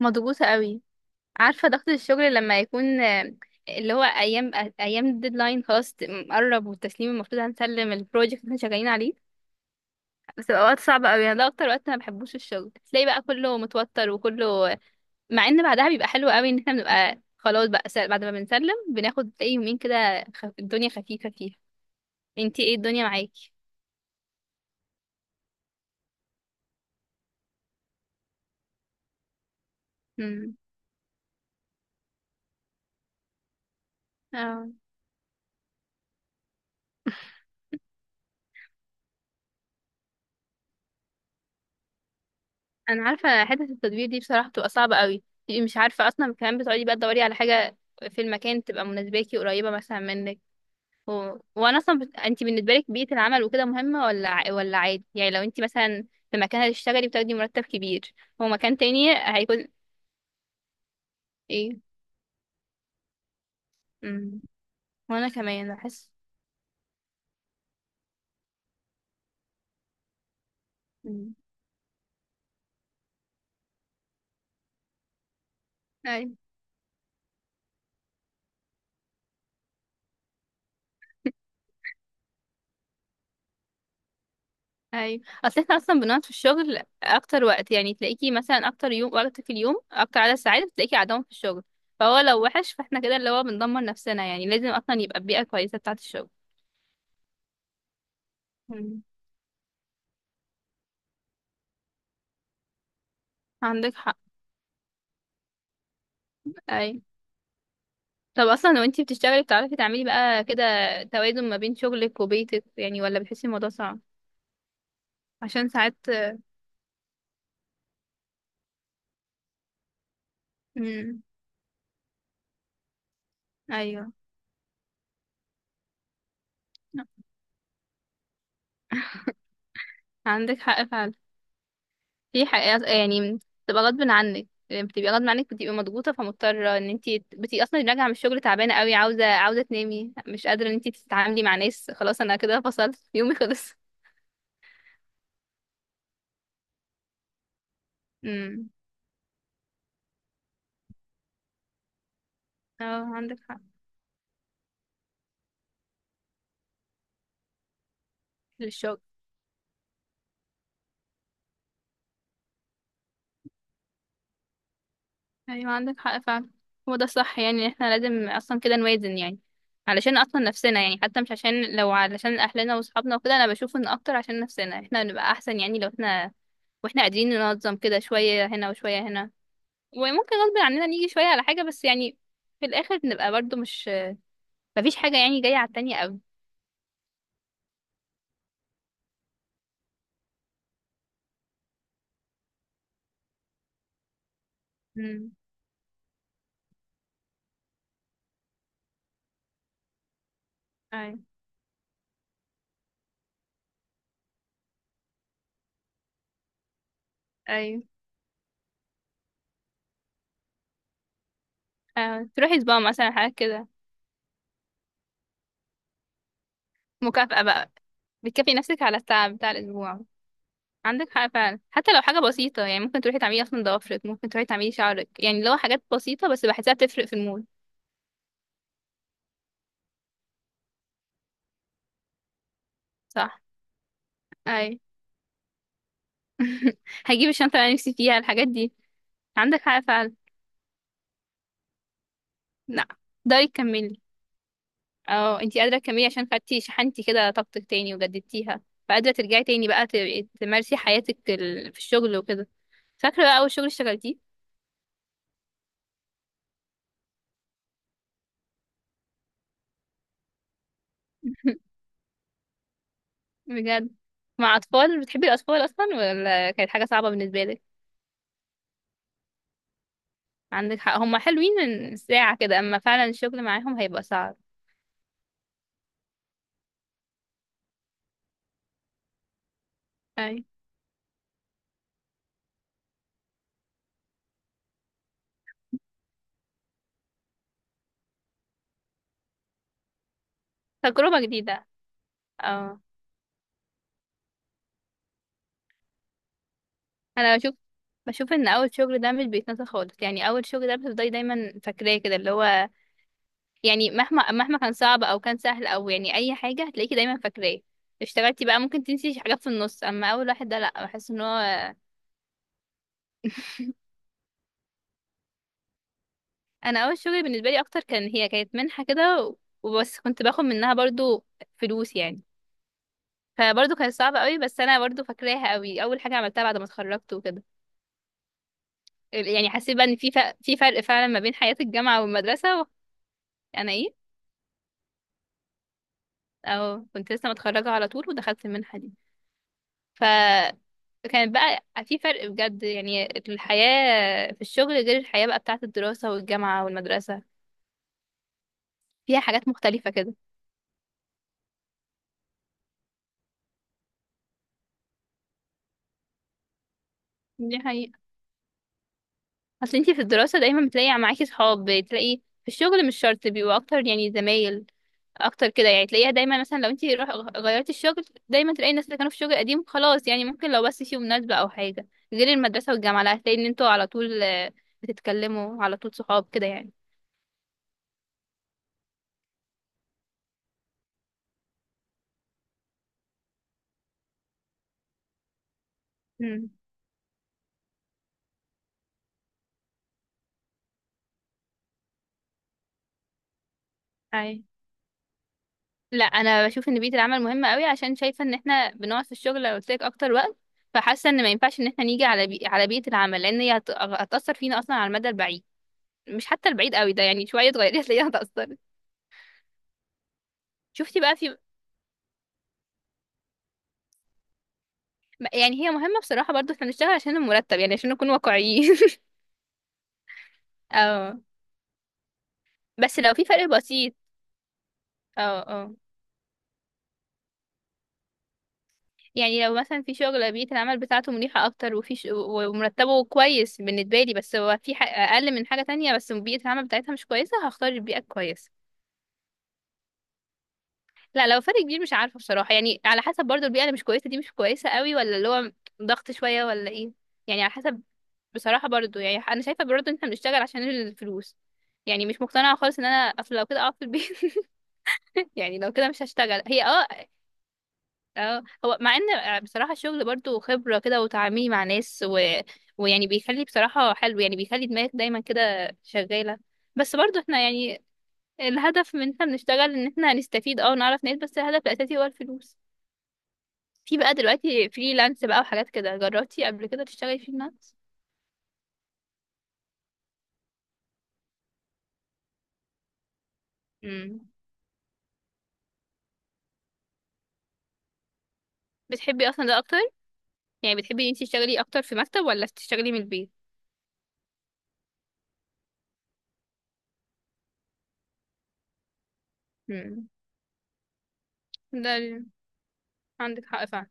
مضغوطة قوي. عارفة ضغط الشغل لما يكون، اللي هو أيام الديدلاين خلاص، مقرب، والتسليم المفروض هنسلم البروجكت اللي احنا شغالين عليه. بتبقى وقت صعب قوي، أنا ده أكتر وقت أنا مبحبوش الشغل، تلاقي بقى كله متوتر وكله، مع إن بعدها بيبقى حلو قوي، إن احنا بنبقى خلاص بقى بعد ما بنسلم بناخد، تلاقي يومين كده الدنيا خفيفة فيها. انتي ايه الدنيا معاكي؟ مم. اه. انا عارفه حته التدوير دي بصراحه بتبقى صعبه قوي، تبقي مش عارفه اصلا، كمان بتقعدي بقى تدوري على حاجه في المكان تبقى مناسباكي، قريبه مثلا منك، و... وانا اصلا انت بالنسبه لك بيئه العمل وكده مهمه، ولا عادي؟ يعني لو انت مثلا في مكان هتشتغلي بتاخدي مرتب كبير، ومكان تاني هيكون ايه. امم وانا كمان بحس، امم، ايوه. اصل احنا اصلا بنقعد في الشغل اكتر وقت، يعني تلاقيكي مثلا اكتر يوم، وقت في اليوم اكتر عدد ساعات بتلاقيكي قاعدهم في الشغل، فهو لو وحش فاحنا كده اللي هو بندمر نفسنا، يعني لازم اصلا يبقى البيئة كويسة بتاعة الشغل. مم. عندك حق. اي، طب اصلا لو انتي بتشتغلي بتعرفي تعملي بقى كده توازن ما بين شغلك وبيتك، يعني ولا بتحسي الموضوع صعب؟ عشان ساعات، امم، ايوه عندك حق فعلا. في حقيقة يعني، بتبقى غصب عنك، يعني بتبقي غصب عنك، بتبقي مضغوطة، فمضطرة ان انتي بتبقي اصلا راجعة من الشغل تعبانة قوي، عاوزة تنامي، مش قادرة ان انتي تتعاملي مع ناس، خلاص انا كده فصلت يومي خلص. امم. اه، عندك حق، للشغل. ايوه عندك حق فعلا. هو ده الصح، يعني إن احنا لازم اصلا كده نوازن، يعني علشان اصلا نفسنا، يعني حتى مش عشان، لو علشان اهلنا واصحابنا وكده، انا بشوف ان اكتر عشان نفسنا احنا نبقى احسن، يعني لو احنا واحنا قادرين ننظم كده، شوية هنا وشوية هنا، وممكن غصب عننا نيجي شوية على حاجة، بس يعني في الآخر بنبقى برضو مش، مفيش حاجة يعني جاية على التانية قوي. امم، أيوة، أيوة. آه، تروحي سبا مثلا حاجة كده، مكافأة بقى. بتكافئي نفسك على التعب بتاع الأسبوع. عندك حق فعلا، حتى لو حاجة بسيطة، يعني ممكن تروحي تعملي أصلا ضوافرك، ممكن تروحي تعملي شعرك، يعني لو حاجات بسيطة بس بحسها بتفرق في المود. صح. أي. هجيب الشنطة اللي أنا نفسي فيها، الحاجات دي. عندك حق فعلا. لا، ده يكملي. اه، انتي قادرة تكملي، عشان خدتي شحنتي كده طاقتك تاني وجددتيها، فقادرة ترجعي تاني بقى تمارسي حياتك، في الشغل وكده. فاكرة بقى أول شغل اشتغلتيه؟ بجد؟ مع أطفال؟ بتحبي الأطفال أصلا، ولا كانت حاجة صعبة بالنسبة لك؟ عندك حق، هما حلوين من ساعة كده، أما فعلا الشغل معاهم هيبقى صعب. أي. تجربة جديدة. اه. أنا بشوف، بشوف إن أول شغل ده مش بيتنسى خالص، يعني أول شغل ده بتفضلي دايما فاكراه كده، اللي هو يعني مهما كان صعب او كان سهل، او يعني اي حاجه هتلاقيكي دايما فاكراه. اشتغلتي بقى ممكن تنسي حاجات في النص، اما اول واحد ده لا، بحس ان هو. انا اول شغل بالنسبه لي اكتر، كان هي كانت منحه كده، وبس كنت باخد منها برضو فلوس يعني، فبرضو كانت صعبه قوي، بس انا برضو فاكراها قوي، اول حاجه عملتها بعد ما اتخرجت وكده، يعني حسيت بقى ان في فرق فعلا ما بين حياه الجامعه والمدرسه انا ايه. او كنت لسه متخرجه على طول ودخلت المنحه دي، فكانت بقى في فرق بجد، يعني الحياة في الشغل غير الحياة بقى بتاعة الدراسة والجامعة والمدرسة، فيها حاجات مختلفة كده. دي حقيقة. اصل انتي في الدراسة دايما بتلاقي معاكي صحاب، بتلاقي في الشغل مش شرط بيبقوا اكتر، يعني زمايل اكتر كده يعني، تلاقيها دايما مثلا لو انتي روح غيرتي الشغل، دايما تلاقي الناس اللي كانوا في الشغل القديم خلاص، يعني ممكن لو بس في مناسبة او حاجة. غير المدرسة والجامعة لا، هتلاقي ان انتوا على طول، بتتكلموا على طول صحاب كده يعني. امم لا، انا بشوف ان بيئه العمل مهمه قوي، عشان شايفه ان احنا بنقعد في الشغل لو قلت لك اكتر وقت، فحاسه ان ما ينفعش ان احنا نيجي على بيئه العمل، لان هي هتاثر فينا اصلا على المدى البعيد، مش حتى البعيد قوي ده، يعني شويه تغيري هتلاقيها هتاثر. شفتي بقى في؟ يعني هي مهمه بصراحه، برضو احنا بنشتغل عشان المرتب، يعني عشان نكون واقعيين. اه، بس لو في فرق بسيط. اه. اه. يعني لو مثلا في شغل بيئه العمل بتاعته مريحه اكتر، وفي ومرتبه كويس بالنسبه لي، بس هو في اقل من حاجه تانية، بس بيئه العمل بتاعتها مش كويسه، هختار البيئه الكويسه. لا، لو فرق كبير مش عارفة بصراحة، يعني على حسب برضو، البيئة اللي مش كويسة دي مش كويسة قوي، ولا اللي هو ضغط شوية ولا ايه، يعني على حسب. بصراحة برضو يعني انا شايفة برضو ان احنا بنشتغل عشان الفلوس، يعني مش مقتنعة خالص ان انا اصل، لو كده اقعد في البيت يعني لو كده مش هشتغل هي اه. اه، هو مع ان بصراحة الشغل برضو خبرة كده وتعاملي مع ناس ويعني بيخلي بصراحة حلو، يعني بيخلي دماغك دايما كده شغالة، بس برضو احنا يعني الهدف من ان احنا بنشتغل ان احنا نستفيد اه، ونعرف ناس، بس الهدف الاساسي هو الفلوس. في بقى دلوقتي فريلانس بقى وحاجات كده، جربتي قبل كده تشتغلي فريلانس؟ امم بتحبي اصلا ده اكتر؟ يعني بتحبي ان انتي تشتغلي اكتر في مكتب، ولا تشتغلي من البيت؟ امم ده عندك حق فعلا.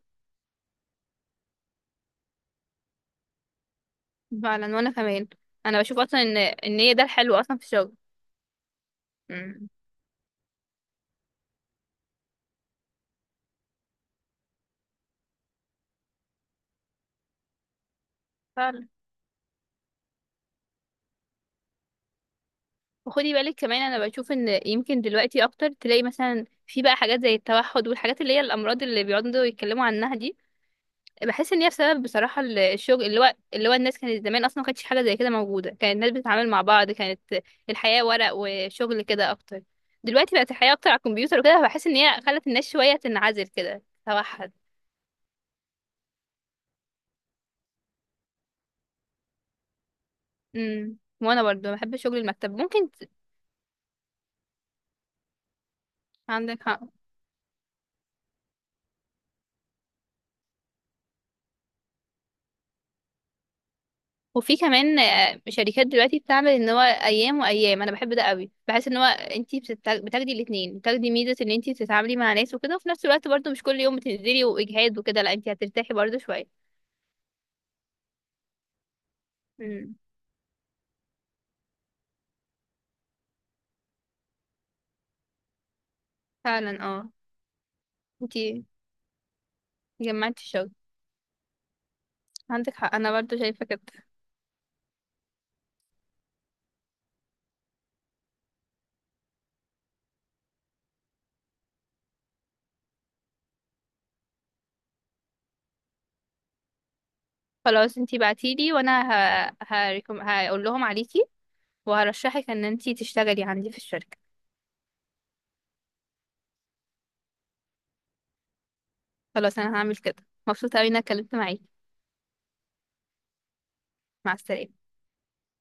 فعلا، وانا كمان انا بشوف اصلا ان ان هي ده الحلو اصلا في الشغل. امم فعلا، وخدي بالك كمان انا بشوف ان يمكن دلوقتي اكتر، تلاقي مثلا في بقى حاجات زي التوحد والحاجات اللي هي الامراض اللي بيقعدوا يتكلموا عنها دي، بحس ان هي بسبب بصراحه الشغل، اللي هو الناس كانت زمان اصلا ما كانتش حاجه زي كده موجوده، كانت الناس بتتعامل مع بعض، كانت الحياه ورق وشغل كده اكتر، دلوقتي بقت الحياه اكتر على الكمبيوتر وكده، فبحس ان هي خلت الناس شويه تنعزل كده، توحد. وانا برضو بحب شغل المكتب، ممكن عندك حق. وفي كمان شركات دلوقتي بتعمل ان هو ايام وايام، انا بحب ده قوي، بحس ان هو انتي بتاخدي الاثنين، بتاخدي ميزه ان انتي بتتعاملي مع ناس وكده، وفي نفس الوقت برضو مش كل يوم بتنزلي واجهاد وكده، لا انتي هترتاحي برضو شويه. مم. فعلا اه. انتي جمعتي الشغل. عندك حق انا برضو شايفه كده. خلاص انتي بعتيلي، وانا هقول لهم عليكي، وهرشحك ان انتي تشتغلي عندي في الشركه. خلاص انا هعمل كده، مبسوطه اوي ان انا اتكلمت معاكي. مع السلامه.